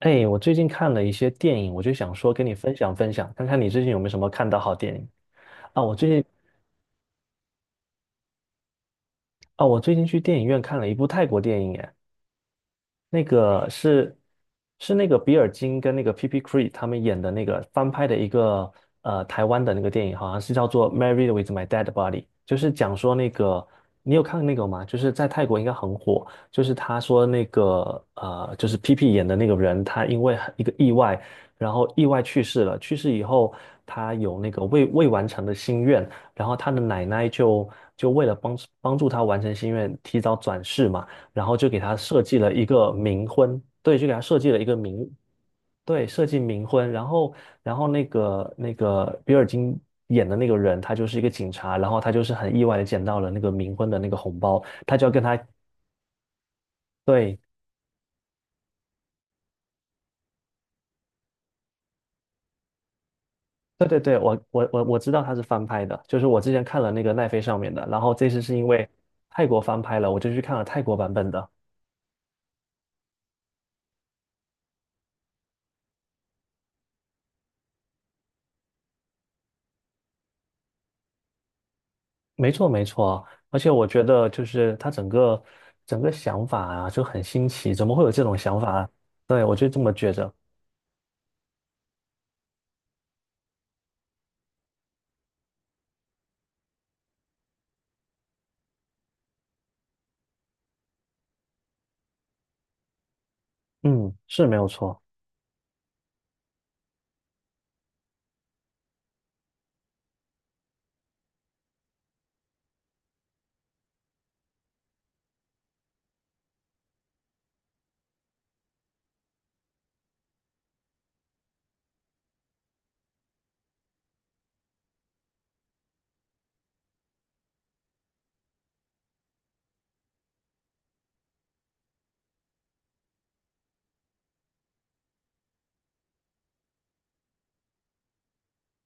哎，我最近看了一些电影，我就想说跟你分享分享，看看你最近有没有什么看到好电影啊？我最近啊，我最近去电影院看了一部泰国电影，哎。那个是是那个比尔金跟那个 P.P. Cree 他们演的那个翻拍的一个台湾的那个电影，好像是叫做《Married with My Dead Body》，就是讲说那个你有看那个吗？就是在泰国应该很火，就是他说那个就是 P.P. 演的那个人，他因为一个意外，然后意外去世了，去世以后他有那个未完成的心愿，然后他的奶奶就为了帮助他完成心愿，提早转世嘛。然后就给他设计了一个冥婚，对，就给他设计了一个冥，对，设计冥婚。然后，然后那个比尔金演的那个人，他就是一个警察，然后他就是很意外的捡到了那个冥婚的那个红包，他就要跟他，对，对对对，我知道他是翻拍的，就是我之前看了那个奈飞上面的，然后这次是因为泰国翻拍了，我就去看了泰国版本的。没错，没错，而且我觉得就是他整个想法啊就很新奇，怎么会有这种想法啊？对，我就这么觉着，嗯，是没有错，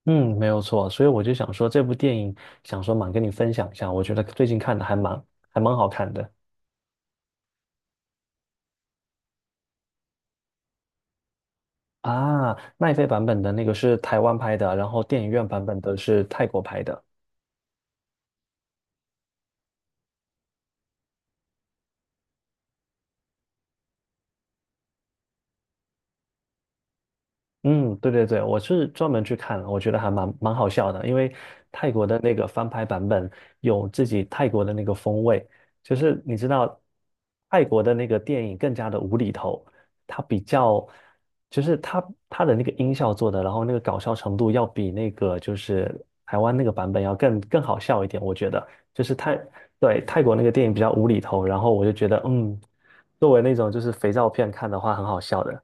嗯，没有错，所以我就想说这部电影，想说蛮跟你分享一下，我觉得最近看的还蛮好看的啊。奈飞版本的那个是台湾拍的，然后电影院版本的是泰国拍的。嗯，对对对，我是专门去看了，我觉得蛮好笑的，因为泰国的那个翻拍版本有自己泰国的那个风味，就是你知道泰国的那个电影更加的无厘头，它比较就是它的那个音效做的，然后那个搞笑程度要比那个就是台湾那个版本要更好笑一点，我觉得就是对泰国那个电影比较无厘头，然后我就觉得作为那种就是肥皂片看的话很好笑的。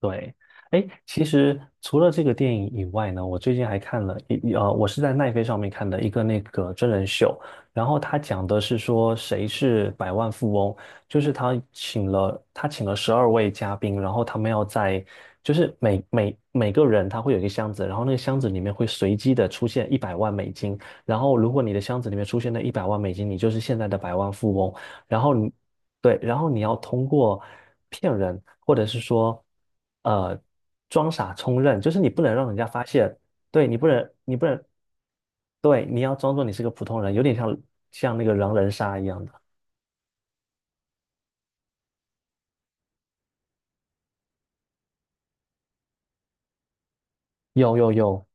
对，哎，其实除了这个电影以外呢，我最近还看了我是在奈飞上面看的一个那个真人秀，然后他讲的是说谁是百万富翁，就是他请了12位嘉宾，然后他们要在就是每个人他会有一个箱子，然后那个箱子里面会随机的出现一百万美金，然后如果你的箱子里面出现了一百万美金，你就是现在的百万富翁，然后你对，然后你要通过骗人，或者是说，呃，装傻充愣，就是你不能让人家发现，对，你不能，对，你要装作你是个普通人，有点像那个狼人杀一样的。有有有，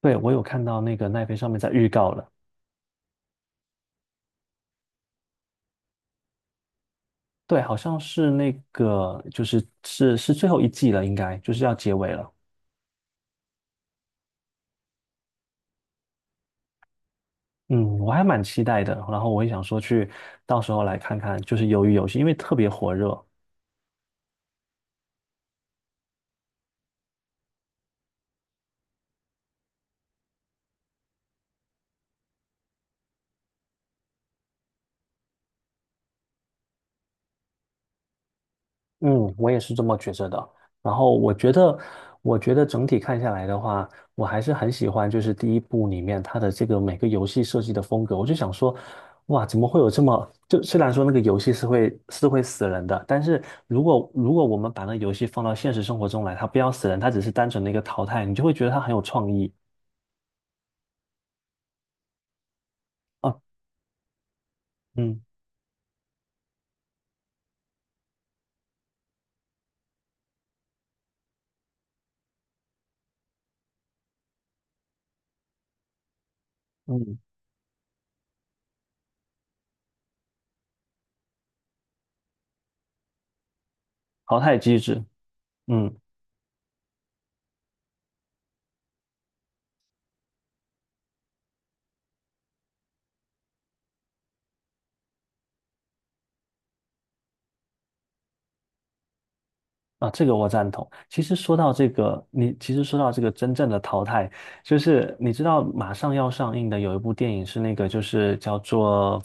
对，我有看到那个奈飞上面在预告了，对，好像是那个是是最后一季了，应该就是要结尾了。嗯，我还蛮期待的，然后我也想说去到时候来看看，就是《鱿鱼游戏》，因为特别火热。嗯，我也是这么觉着的。然后我觉得，我觉得整体看下来的话，我还是很喜欢，就是第一部里面它的这个每个游戏设计的风格。我就想说，哇，怎么会有这么……就虽然说那个游戏是会死人的，但是如果我们把那个游戏放到现实生活中来，它不要死人，它只是单纯的一个淘汰，你就会觉得它很有创意啊。嗯嗯，淘汰机制，嗯。啊，这个我赞同。其实说到这个，你其实说到这个真正的淘汰，就是你知道马上要上映的有一部电影是那个，就是叫做，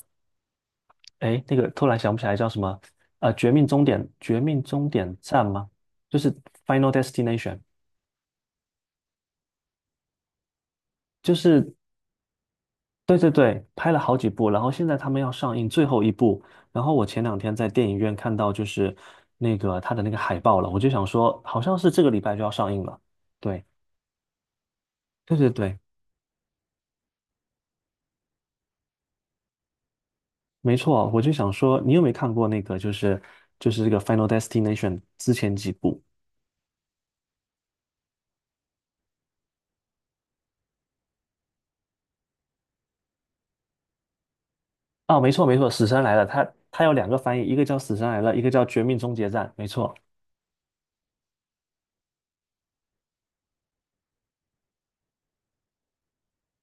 哎，那个突然想不起来叫什么，《绝命终点》《绝命终点站》吗？就是《Final Destination》，就是对对对，拍了好几部，然后现在他们要上映最后一部，然后我前两天在电影院看到就是那个他的那个海报了，我就想说，好像是这个礼拜就要上映了。对对对对。没错，我就想说，你有没有看过那个，就是这个《Final Destination》之前几部？啊？没错没错，《死神来了》它有两个翻译，一个叫《死神来了》，一个叫《绝命终结战》。没错，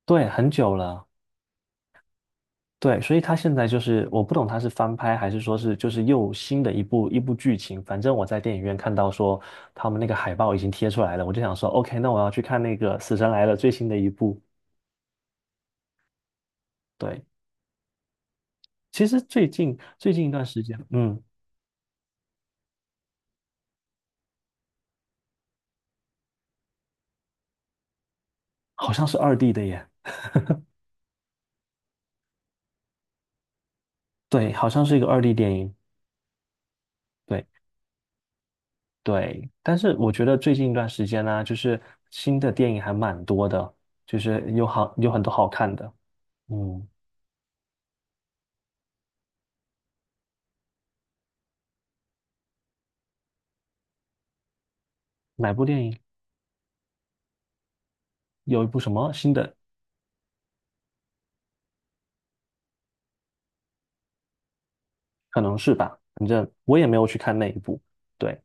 对，很久了，对，所以它现在就是我不懂它是翻拍还是说是就是又新的一部剧情。反正我在电影院看到说他们那个海报已经贴出来了，我就想说，OK，那我要去看那个《死神来了》最新的一部。对，其实最近一段时间，嗯，好像是二 D 的耶。对，好像是一个二 D 电影。对对，但是我觉得最近一段时间呢、就是新的电影还蛮多的，就是有很多好看的。嗯，哪部电影？有一部什么新的？可能是吧，反正我也没有去看那一部。对，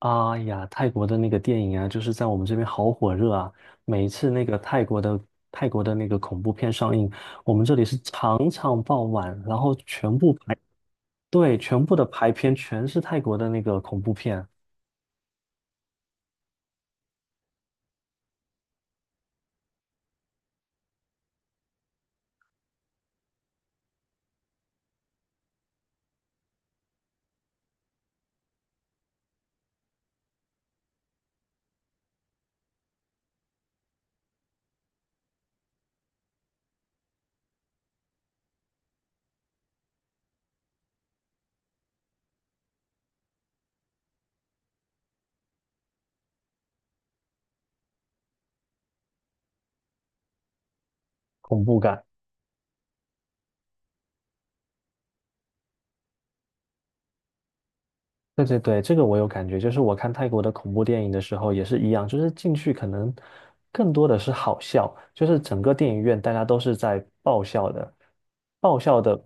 哎呀，泰国的那个电影啊，就是在我们这边好火热啊。每一次泰国的那个恐怖片上映，我们这里是场场爆满，然后全部排，对，全部的排片全是泰国的那个恐怖片，恐怖感。对对对，这个我有感觉，就是我看泰国的恐怖电影的时候也是一样，就是进去可能更多的是好笑，就是整个电影院大家都是在爆笑的，爆笑的，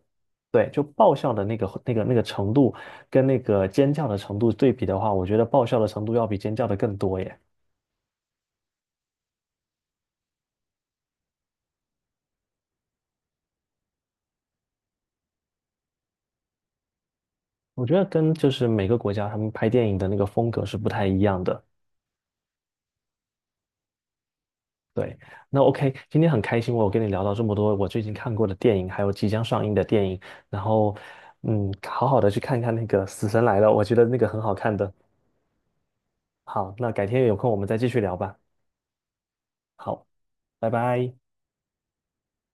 对，就爆笑的那个程度跟那个尖叫的程度对比的话，我觉得爆笑的程度要比尖叫的更多耶。我觉得跟就是每个国家他们拍电影的那个风格是不太一样的。对，那 OK，今天很开心，我跟你聊到这么多我最近看过的电影，还有即将上映的电影，然后，嗯，好好的去看看那个《死神来了》，我觉得那个很好看的。好，那改天有空我们再继续聊吧。好，拜拜。